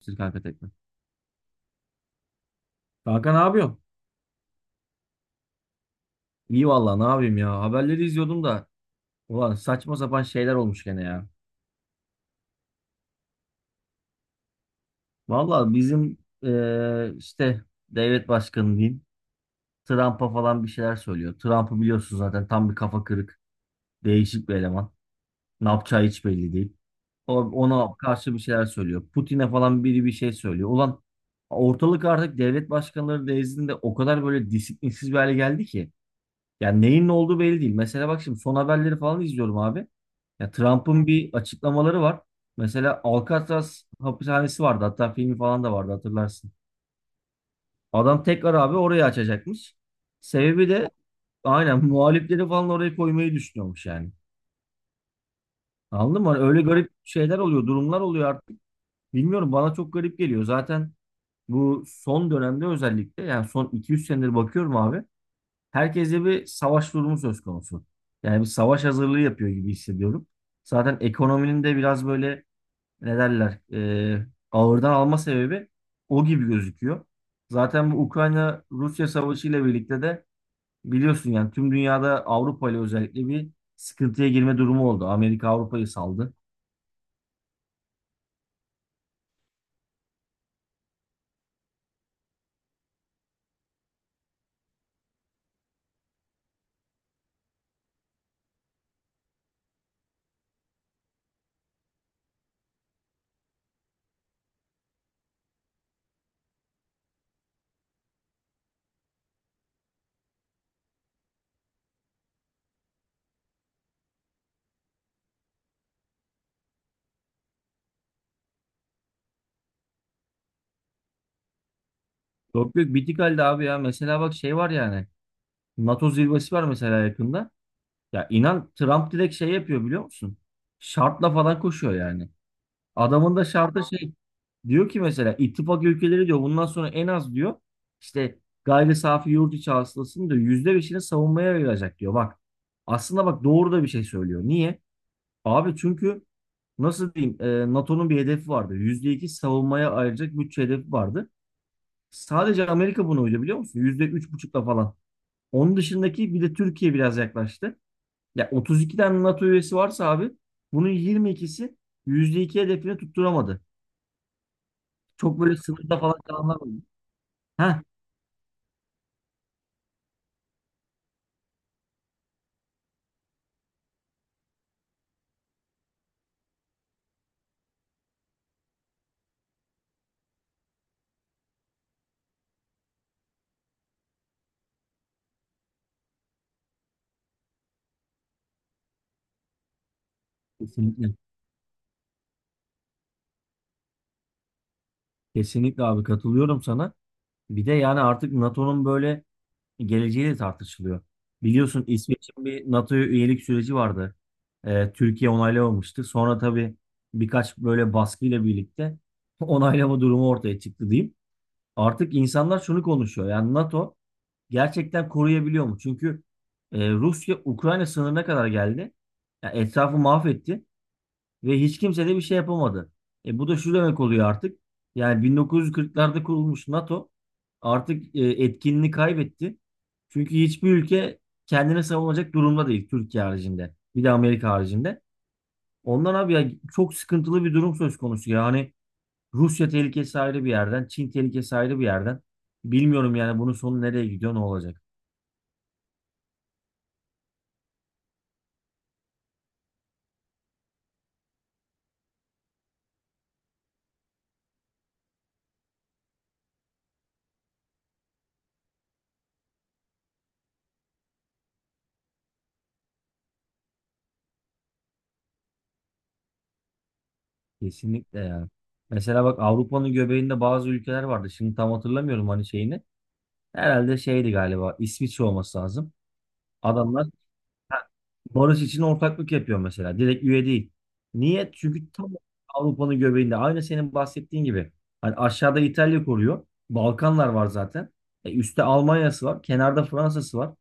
Türk Arka Tekno. Kanka ne yapıyorsun? İyi vallahi ne yapayım ya. Haberleri izliyordum da. Ulan saçma sapan şeyler olmuş gene ya. Vallahi bizim işte devlet başkanı diyeyim. Trump'a falan bir şeyler söylüyor. Trump'ı biliyorsun zaten tam bir kafa kırık. Değişik bir eleman. Ne yapacağı hiç belli değil. O, ona karşı bir şeyler söylüyor. Putin'e falan biri bir şey söylüyor. Ulan ortalık artık devlet başkanları nezdinde o kadar böyle disiplinsiz bir hale geldi ki. Yani neyin ne olduğu belli değil. Mesela bak şimdi son haberleri falan izliyorum abi. Ya Trump'ın bir açıklamaları var. Mesela Alcatraz hapishanesi vardı. Hatta filmi falan da vardı hatırlarsın. Adam tekrar abi orayı açacakmış. Sebebi de aynen muhalifleri falan oraya koymayı düşünüyormuş yani. Anladın mı? Hani öyle garip şeyler oluyor, durumlar oluyor artık. Bilmiyorum bana çok garip geliyor. Zaten bu son dönemde özellikle yani son 2-3 senedir bakıyorum abi. Herkeste bir savaş durumu söz konusu. Yani bir savaş hazırlığı yapıyor gibi hissediyorum. Zaten ekonominin de biraz böyle ne derler ağırdan alma sebebi o gibi gözüküyor. Zaten bu Ukrayna-Rusya savaşı ile birlikte de biliyorsun yani tüm dünyada Avrupa ile özellikle bir sıkıntıya girme durumu oldu. Amerika Avrupa'yı saldı. Yok yok bitik halde abi ya. Mesela bak şey var yani. NATO zirvesi var mesela yakında. Ya inan Trump direkt şey yapıyor biliyor musun? Şartla falan koşuyor yani. Adamın da şartı şey diyor ki mesela ittifak ülkeleri diyor bundan sonra en az diyor işte gayri safi yurt içi hasılasının diyor %5'ini savunmaya ayıracak diyor. Bak aslında bak doğru da bir şey söylüyor. Niye? Abi çünkü nasıl diyeyim NATO'nun bir hedefi vardı. %2 savunmaya ayıracak bütçe hedefi vardı. Sadece Amerika buna uydu biliyor musun? %3,5'la falan. Onun dışındaki bir de Türkiye biraz yaklaştı. Ya 32 tane NATO üyesi varsa abi bunun 22'si %2 hedefini tutturamadı. Çok böyle sınıfta falan kalanlar oldu. Heh, kesinlikle. Kesinlikle abi katılıyorum sana. Bir de yani artık NATO'nun böyle geleceği de tartışılıyor. Biliyorsun İsveç'in bir NATO'ya üyelik süreci vardı. Türkiye onaylamamıştı. Sonra tabii birkaç böyle baskıyla birlikte onaylama durumu ortaya çıktı diyeyim. Artık insanlar şunu konuşuyor. Yani NATO gerçekten koruyabiliyor mu? Çünkü Rusya Ukrayna sınırına kadar geldi. Ya etrafı mahvetti. Ve hiç kimse de bir şey yapamadı. Bu da şu demek oluyor artık. Yani 1940'larda kurulmuş NATO artık etkinliğini kaybetti. Çünkü hiçbir ülke kendine savunacak durumda değil Türkiye haricinde. Bir de Amerika haricinde. Ondan abi ya çok sıkıntılı bir durum söz konusu. Yani Rusya tehlikesi ayrı bir yerden, Çin tehlikesi ayrı bir yerden. Bilmiyorum yani bunun sonu nereye gidiyor, ne olacak? Kesinlikle yani. Mesela bak Avrupa'nın göbeğinde bazı ülkeler vardı. Şimdi tam hatırlamıyorum hani şeyini. Herhalde şeydi galiba İsviçre olması lazım. Adamlar ha, barış için ortaklık yapıyor mesela. Direkt üye değil. Niye? Çünkü tam Avrupa'nın göbeğinde. Aynı senin bahsettiğin gibi. Hani aşağıda İtalya koruyor. Balkanlar var zaten. Üstte Almanya'sı var. Kenarda Fransa'sı var.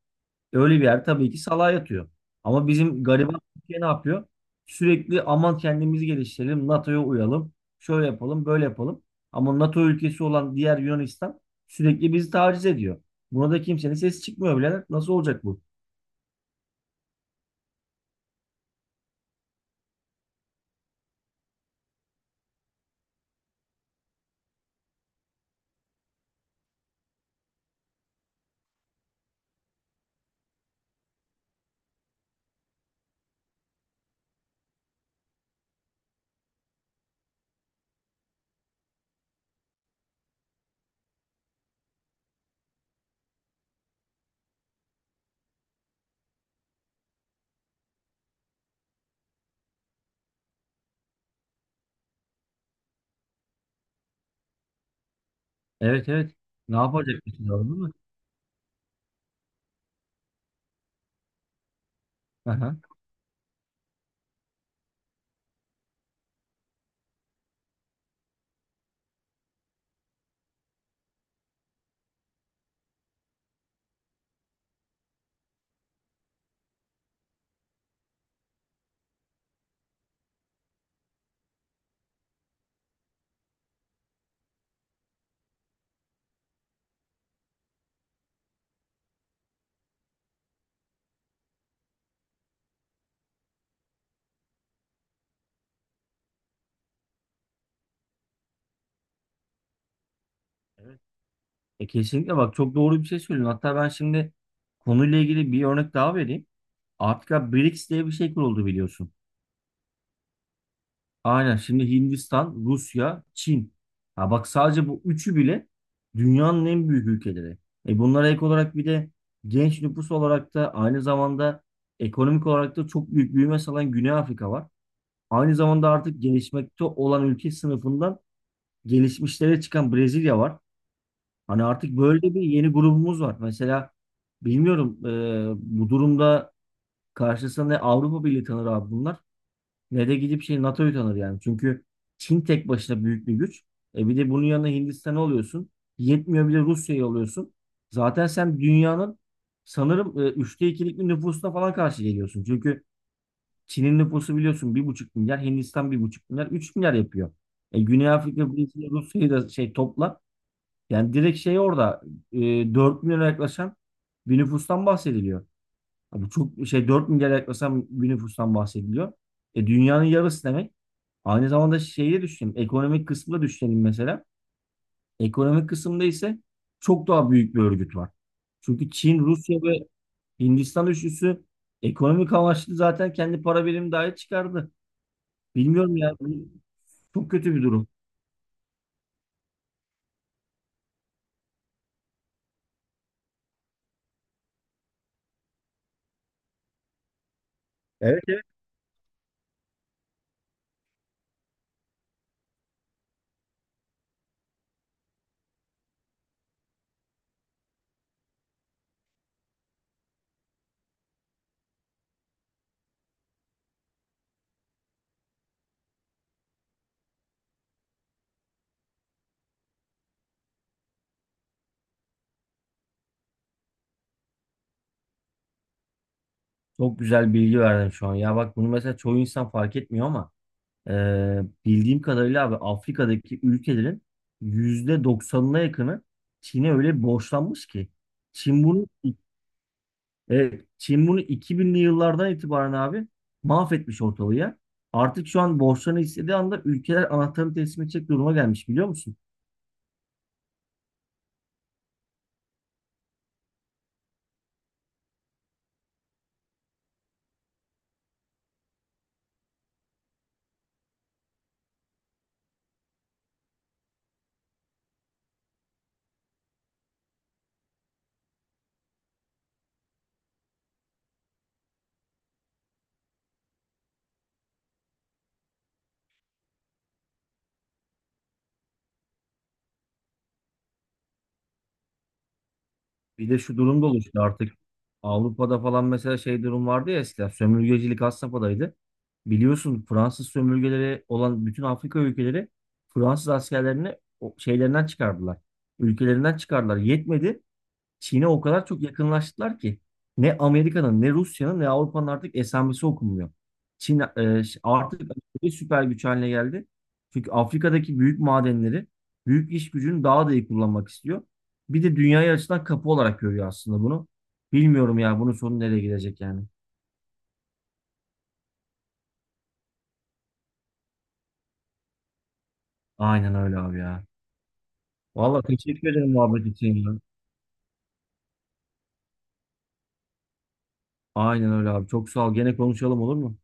Öyle bir yer tabii ki salağa yatıyor. Ama bizim gariban Türkiye ne yapıyor? Sürekli aman kendimizi geliştirelim, NATO'ya uyalım, şöyle yapalım, böyle yapalım. Ama NATO ülkesi olan diğer Yunanistan sürekli bizi taciz ediyor. Buna da kimsenin sesi çıkmıyor bile. Nasıl olacak bu? Evet evet. Ne yapacak? Anladın mı? Aha. Evet. E kesinlikle bak çok doğru bir şey söylüyorsun. Hatta ben şimdi konuyla ilgili bir örnek daha vereyim. Artık ya BRICS diye bir şey kuruldu biliyorsun. Aynen şimdi Hindistan, Rusya, Çin. Ha bak sadece bu üçü bile dünyanın en büyük ülkeleri. E bunlara ek olarak bir de genç nüfus olarak da aynı zamanda ekonomik olarak da çok büyük büyüme sağlayan Güney Afrika var. Aynı zamanda artık gelişmekte olan ülke sınıfından gelişmişlere çıkan Brezilya var. Hani artık böyle bir yeni grubumuz var. Mesela bilmiyorum bu durumda karşısında Avrupa Birliği tanır abi bunlar ne de gidip şey NATO'yu tanır yani. Çünkü Çin tek başına büyük bir güç. E bir de bunun yanına Hindistan'ı alıyorsun. Yetmiyor bir de Rusya'yı alıyorsun. Zaten sen dünyanın sanırım 2/3'lük bir nüfusuna falan karşı geliyorsun. Çünkü Çin'in nüfusu biliyorsun 1,5 milyar, Hindistan 1,5 milyar, 3 milyar yapıyor. Güney Afrika, Brezilya, Rusya'yı da şey topla. Yani direkt şey orada e, 4 milyona yaklaşan bir nüfustan bahsediliyor. Abi çok şey 4 milyar yaklaşan bir nüfustan bahsediliyor. Dünyanın yarısı demek. Aynı zamanda şeyi de düşünelim. Ekonomik kısmı da düşünelim mesela. Ekonomik kısımda ise çok daha büyük bir örgüt var. Çünkü Çin, Rusya ve Hindistan üçlüsü ekonomik amaçlı zaten kendi para birimi dahi çıkardı. Bilmiyorum ya. Çok kötü bir durum. Evet. Çok güzel bilgi verdin şu an. Ya bak bunu mesela çoğu insan fark etmiyor ama bildiğim kadarıyla abi Afrika'daki ülkelerin %90'ına yakını Çin'e öyle borçlanmış ki. Çin bunu evet, Çin bunu 2000'li yıllardan itibaren abi mahvetmiş ortalığı ya. Artık şu an borçlarını istediği anda ülkeler anahtarını teslim edecek duruma gelmiş biliyor musun? Bir de şu durum da oluştu artık. Avrupa'da falan mesela şey durum vardı ya eskiden sömürgecilik had safhadaydı. Biliyorsun Fransız sömürgeleri olan bütün Afrika ülkeleri Fransız askerlerini şeylerinden çıkardılar. Ülkelerinden çıkardılar. Yetmedi. Çin'e o kadar çok yakınlaştılar ki ne Amerika'nın ne Rusya'nın ne Avrupa'nın artık esamesi okunmuyor. Çin artık bir süper güç haline geldi. Çünkü Afrika'daki büyük madenleri, büyük iş gücünü daha da iyi kullanmak istiyor. Bir de dünyaya açılan kapı olarak görüyor aslında bunu. Bilmiyorum ya bunun sonu nereye gidecek yani. Aynen öyle abi ya. Vallahi teşekkür ederim muhabbet için ya. Aynen öyle abi. Çok sağ ol. Gene konuşalım olur mu?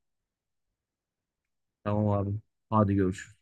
Tamam abi. Hadi görüşürüz.